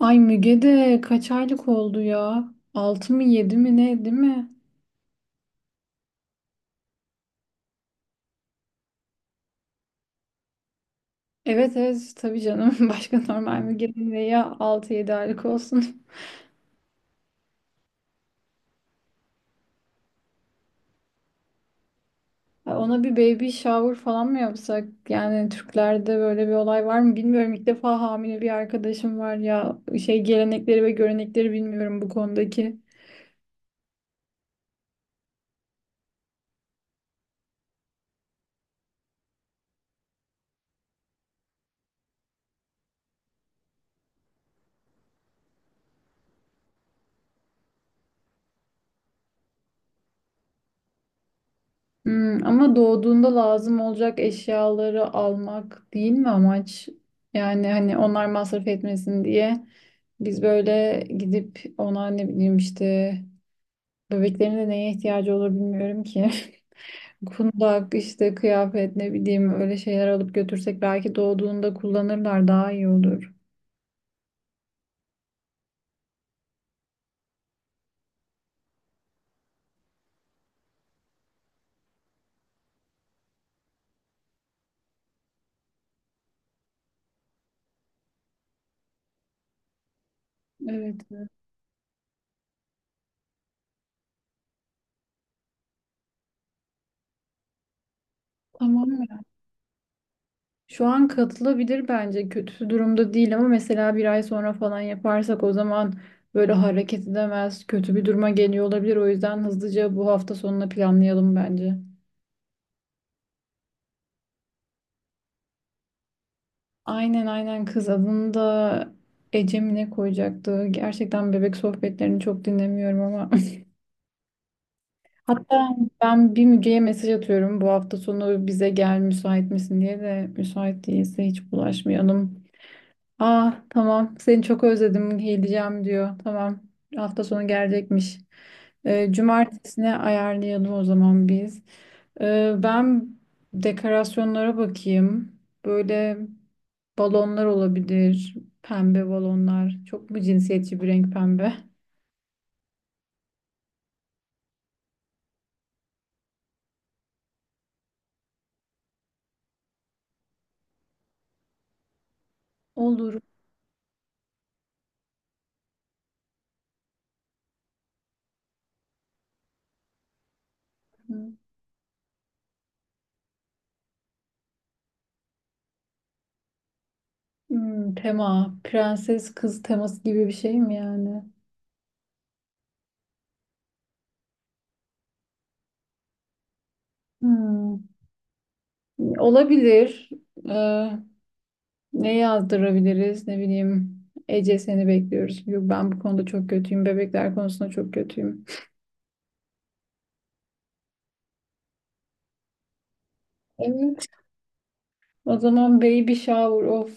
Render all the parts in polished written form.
Ay Müge de kaç aylık oldu ya? 6 mı 7 mi ne değil mi? Evet, evet, tabii canım. Başka normal Müge'nin de ya altı yedi aylık olsun. Ay, ona bir baby shower falan mı yapsak? Yani Türklerde böyle bir olay var mı bilmiyorum. İlk defa hamile bir arkadaşım var ya. Şey, gelenekleri ve görenekleri bilmiyorum bu konudaki. Ama doğduğunda lazım olacak eşyaları almak değil mi amaç? Yani hani onlar masraf etmesin diye biz böyle gidip ona ne bileyim işte bebeklerin de neye ihtiyacı olur bilmiyorum ki. Kundak işte, kıyafet, ne bileyim, öyle şeyler alıp götürsek belki doğduğunda kullanırlar, daha iyi olur. Evet. Evet. Tamam. Şu an katılabilir bence. Kötü durumda değil, ama mesela bir ay sonra falan yaparsak o zaman böyle hareket edemez, kötü bir duruma geliyor olabilir. O yüzden hızlıca bu hafta sonuna planlayalım bence. Aynen, aynen, kız. Adını da Ece mi ne koyacaktı? Gerçekten bebek sohbetlerini çok dinlemiyorum ama. Hatta ben bir Müge'ye mesaj atıyorum, bu hafta sonu bize gel müsait misin diye, de müsait değilse hiç bulaşmayalım. Aa, tamam, seni çok özledim geleceğim diyor. Tamam, hafta sonu gelecekmiş. Cumartesine ayarlayalım o zaman biz. Ben dekorasyonlara bakayım. Böyle balonlar olabilir. Pembe balonlar. Çok mu cinsiyetçi bir renk pembe? Olur. Tema. Prenses kız teması gibi bir şey mi yani? Hmm, Olabilir. Ee, Ne yazdırabiliriz? Ne bileyim. Ece seni bekliyoruz. Yok, ben bu konuda çok kötüyüm. Bebekler konusunda çok kötüyüm. Evet. O zaman baby shower of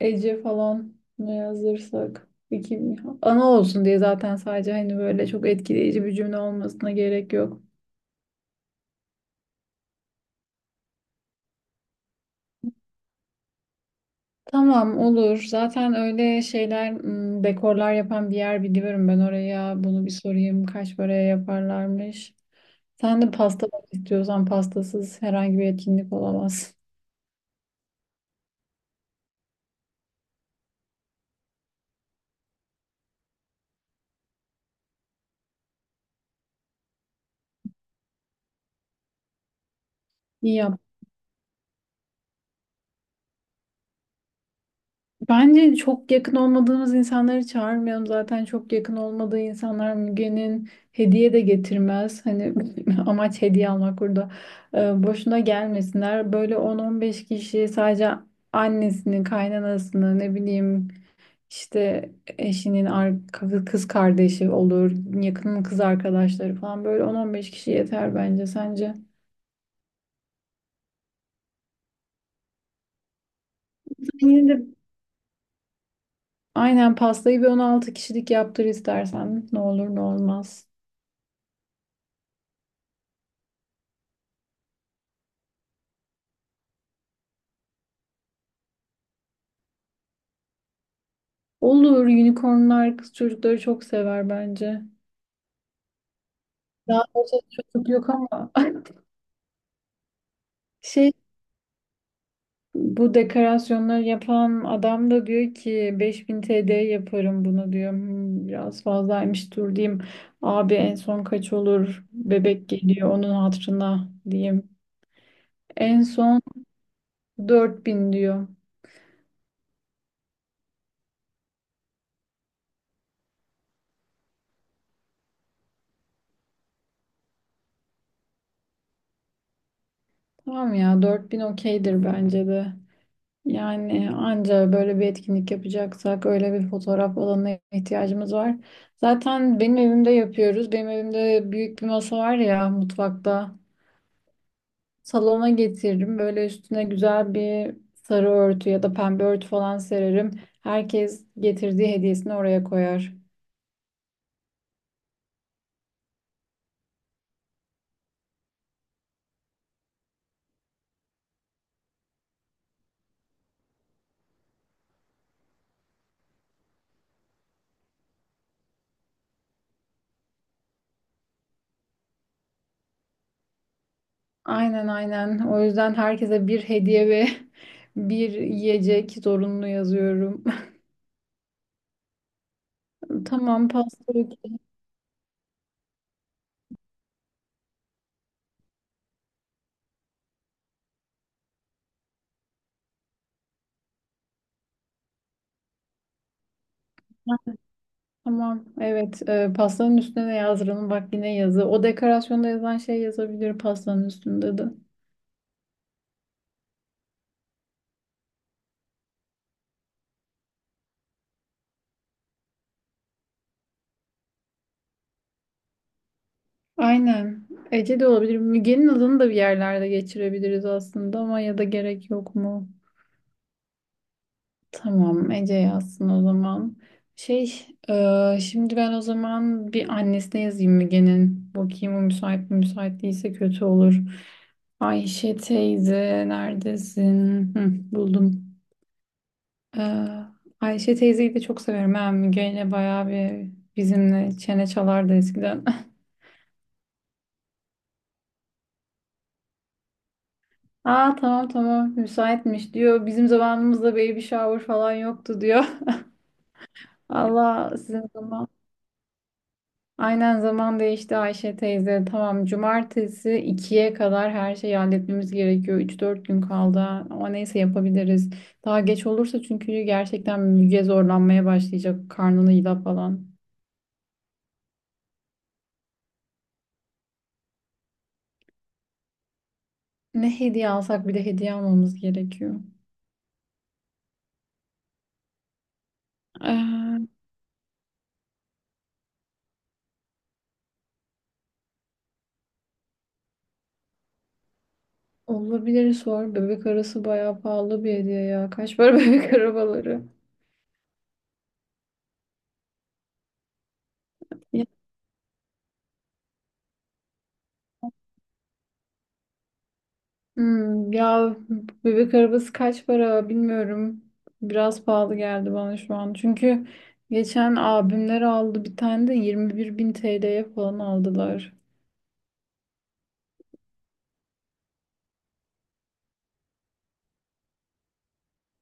Ece falan ne yazdırsak. İki, ana olsun diye zaten, sadece hani böyle çok etkileyici bir cümle olmasına gerek yok. Tamam, olur. Zaten öyle şeyler dekorlar yapan bir yer biliyorum ben, oraya. Bunu bir sorayım. Kaç paraya yaparlarmış? Sen de pasta bak istiyorsan, pastasız herhangi bir etkinlik olamaz. Ya bence çok yakın olmadığımız insanları çağırmayalım. Zaten çok yakın olmadığı insanlar Müge'nin hediye de getirmez. Hani amaç hediye almak burada. Boşuna gelmesinler. Böyle 10-15 kişi sadece; annesini, kaynanasını, ne bileyim işte, eşinin kız kardeşi olur, yakının kız arkadaşları falan, böyle 10-15 kişi yeter bence, sence. Yine de aynen pastayı bir 16 kişilik yaptır istersen. Ne olur ne olmaz. Olur, unicornlar kız çocukları çok sever bence. Daha fazla çocuk yok ama. Şey, bu dekorasyonları yapan adam da diyor ki 5.000 TL yaparım bunu diyor. Biraz fazlaymış, dur diyeyim. Abi en son kaç olur? Bebek geliyor onun hatırına diyeyim. En son 4.000 diyor. Tamam ya, 4.000 okeydir bence de. Yani anca böyle bir etkinlik yapacaksak öyle bir fotoğraf alanına ihtiyacımız var. Zaten benim evimde yapıyoruz. Benim evimde büyük bir masa var ya mutfakta. Salona getiririm. Böyle üstüne güzel bir sarı örtü ya da pembe örtü falan sererim. Herkes getirdiği hediyesini oraya koyar. Aynen, aynen. O yüzden herkese bir hediye ve bir yiyecek zorunlu yazıyorum. Tamam, pasta. Tamam, evet. Pastanın üstüne de yazdıralım. Bak, yine yazı. O dekorasyonda yazan şey yazabilir pastanın üstünde de. Aynen. Ece de olabilir. Müge'nin adını da bir yerlerde geçirebiliriz aslında, ama ya da gerek yok mu? Tamam, Ece yazsın o zaman. Şey, Şimdi ben o zaman bir annesine yazayım Müge'nin. Bakayım o müsait mi? Müsait değilse kötü olur. Ayşe teyze neredesin? Hı, Buldum. Ee, Ayşe teyzeyi de çok severim. Ben Müge ile bayağı bir bizimle çene çalardı eskiden. Aa, tamam, tamam, müsaitmiş diyor. Bizim zamanımızda baby shower falan yoktu diyor. Allah sizin zaman. Aynen, zaman değişti Ayşe teyze. Tamam, cumartesi 2'ye kadar her şeyi halletmemiz gerekiyor. Üç dört gün kaldı ama neyse yapabiliriz. Daha geç olursa çünkü gerçekten Müge zorlanmaya başlayacak. Karnını yila falan. Ne hediye alsak, bir de hediye almamız gerekiyor. Ee, Olabilir, sor. Bebek arası bayağı pahalı bir hediye ya. Kaç para bebek arabaları? Ya, ya bebek arabası kaç para bilmiyorum. Biraz pahalı geldi bana şu an. Çünkü geçen abimler aldı bir tane de 21 bin TL'ye falan aldılar.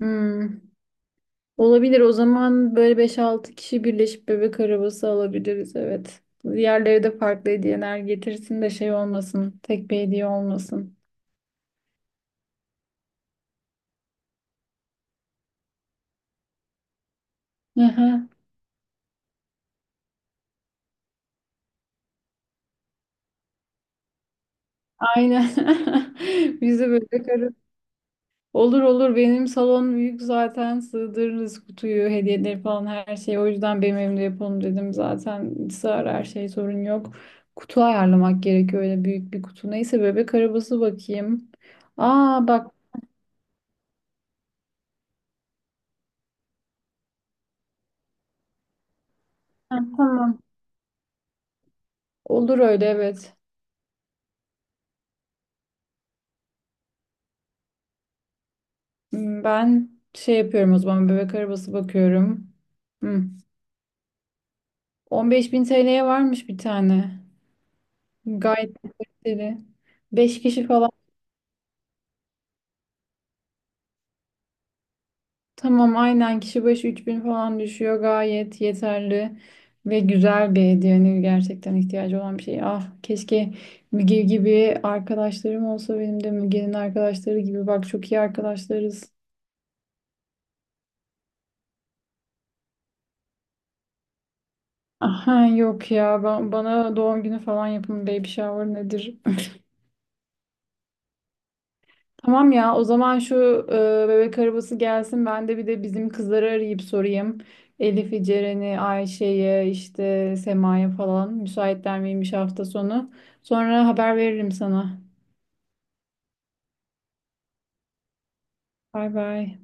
Hmm, Olabilir o zaman böyle beş altı kişi birleşip bebek arabası alabiliriz evet. Diğerleri de farklı hediyeler getirsin de şey olmasın. Tek bir hediye olmasın. Aynen. Bize böyle karı. Olur, olur, benim salon büyük zaten, sığdırırız kutuyu, hediyeleri falan her şeyi. O yüzden benim evimde yapalım dedim. Zaten sığar her şey, sorun yok. Kutu ayarlamak gerekiyor, öyle büyük bir kutu. Neyse bebek arabası bakayım. Aa, bak. Ha, tamam, olur öyle evet. Ben şey yapıyorum o zaman, bebek arabası bakıyorum. Hmm. 15.000 TL'ye varmış bir tane. Gayet kaliteli. Beş kişi falan. Tamam, aynen kişi başı 3.000 falan düşüyor, gayet yeterli ve güzel bir hediye, yani gerçekten ihtiyacı olan bir şey. Ah keşke Müge gibi arkadaşlarım olsa benim de, Müge'nin arkadaşları gibi; bak çok iyi arkadaşlarız. Aha, yok ya, ben, bana doğum günü falan yapın, baby shower nedir. Tamam ya, o zaman şu bebek arabası gelsin, ben de bir de bizim kızları arayıp sorayım. Elif'i, Ceren'i, Ayşe'yi, işte Sema'ya falan müsaitler miymiş hafta sonu. Sonra haber veririm sana. Bay bay.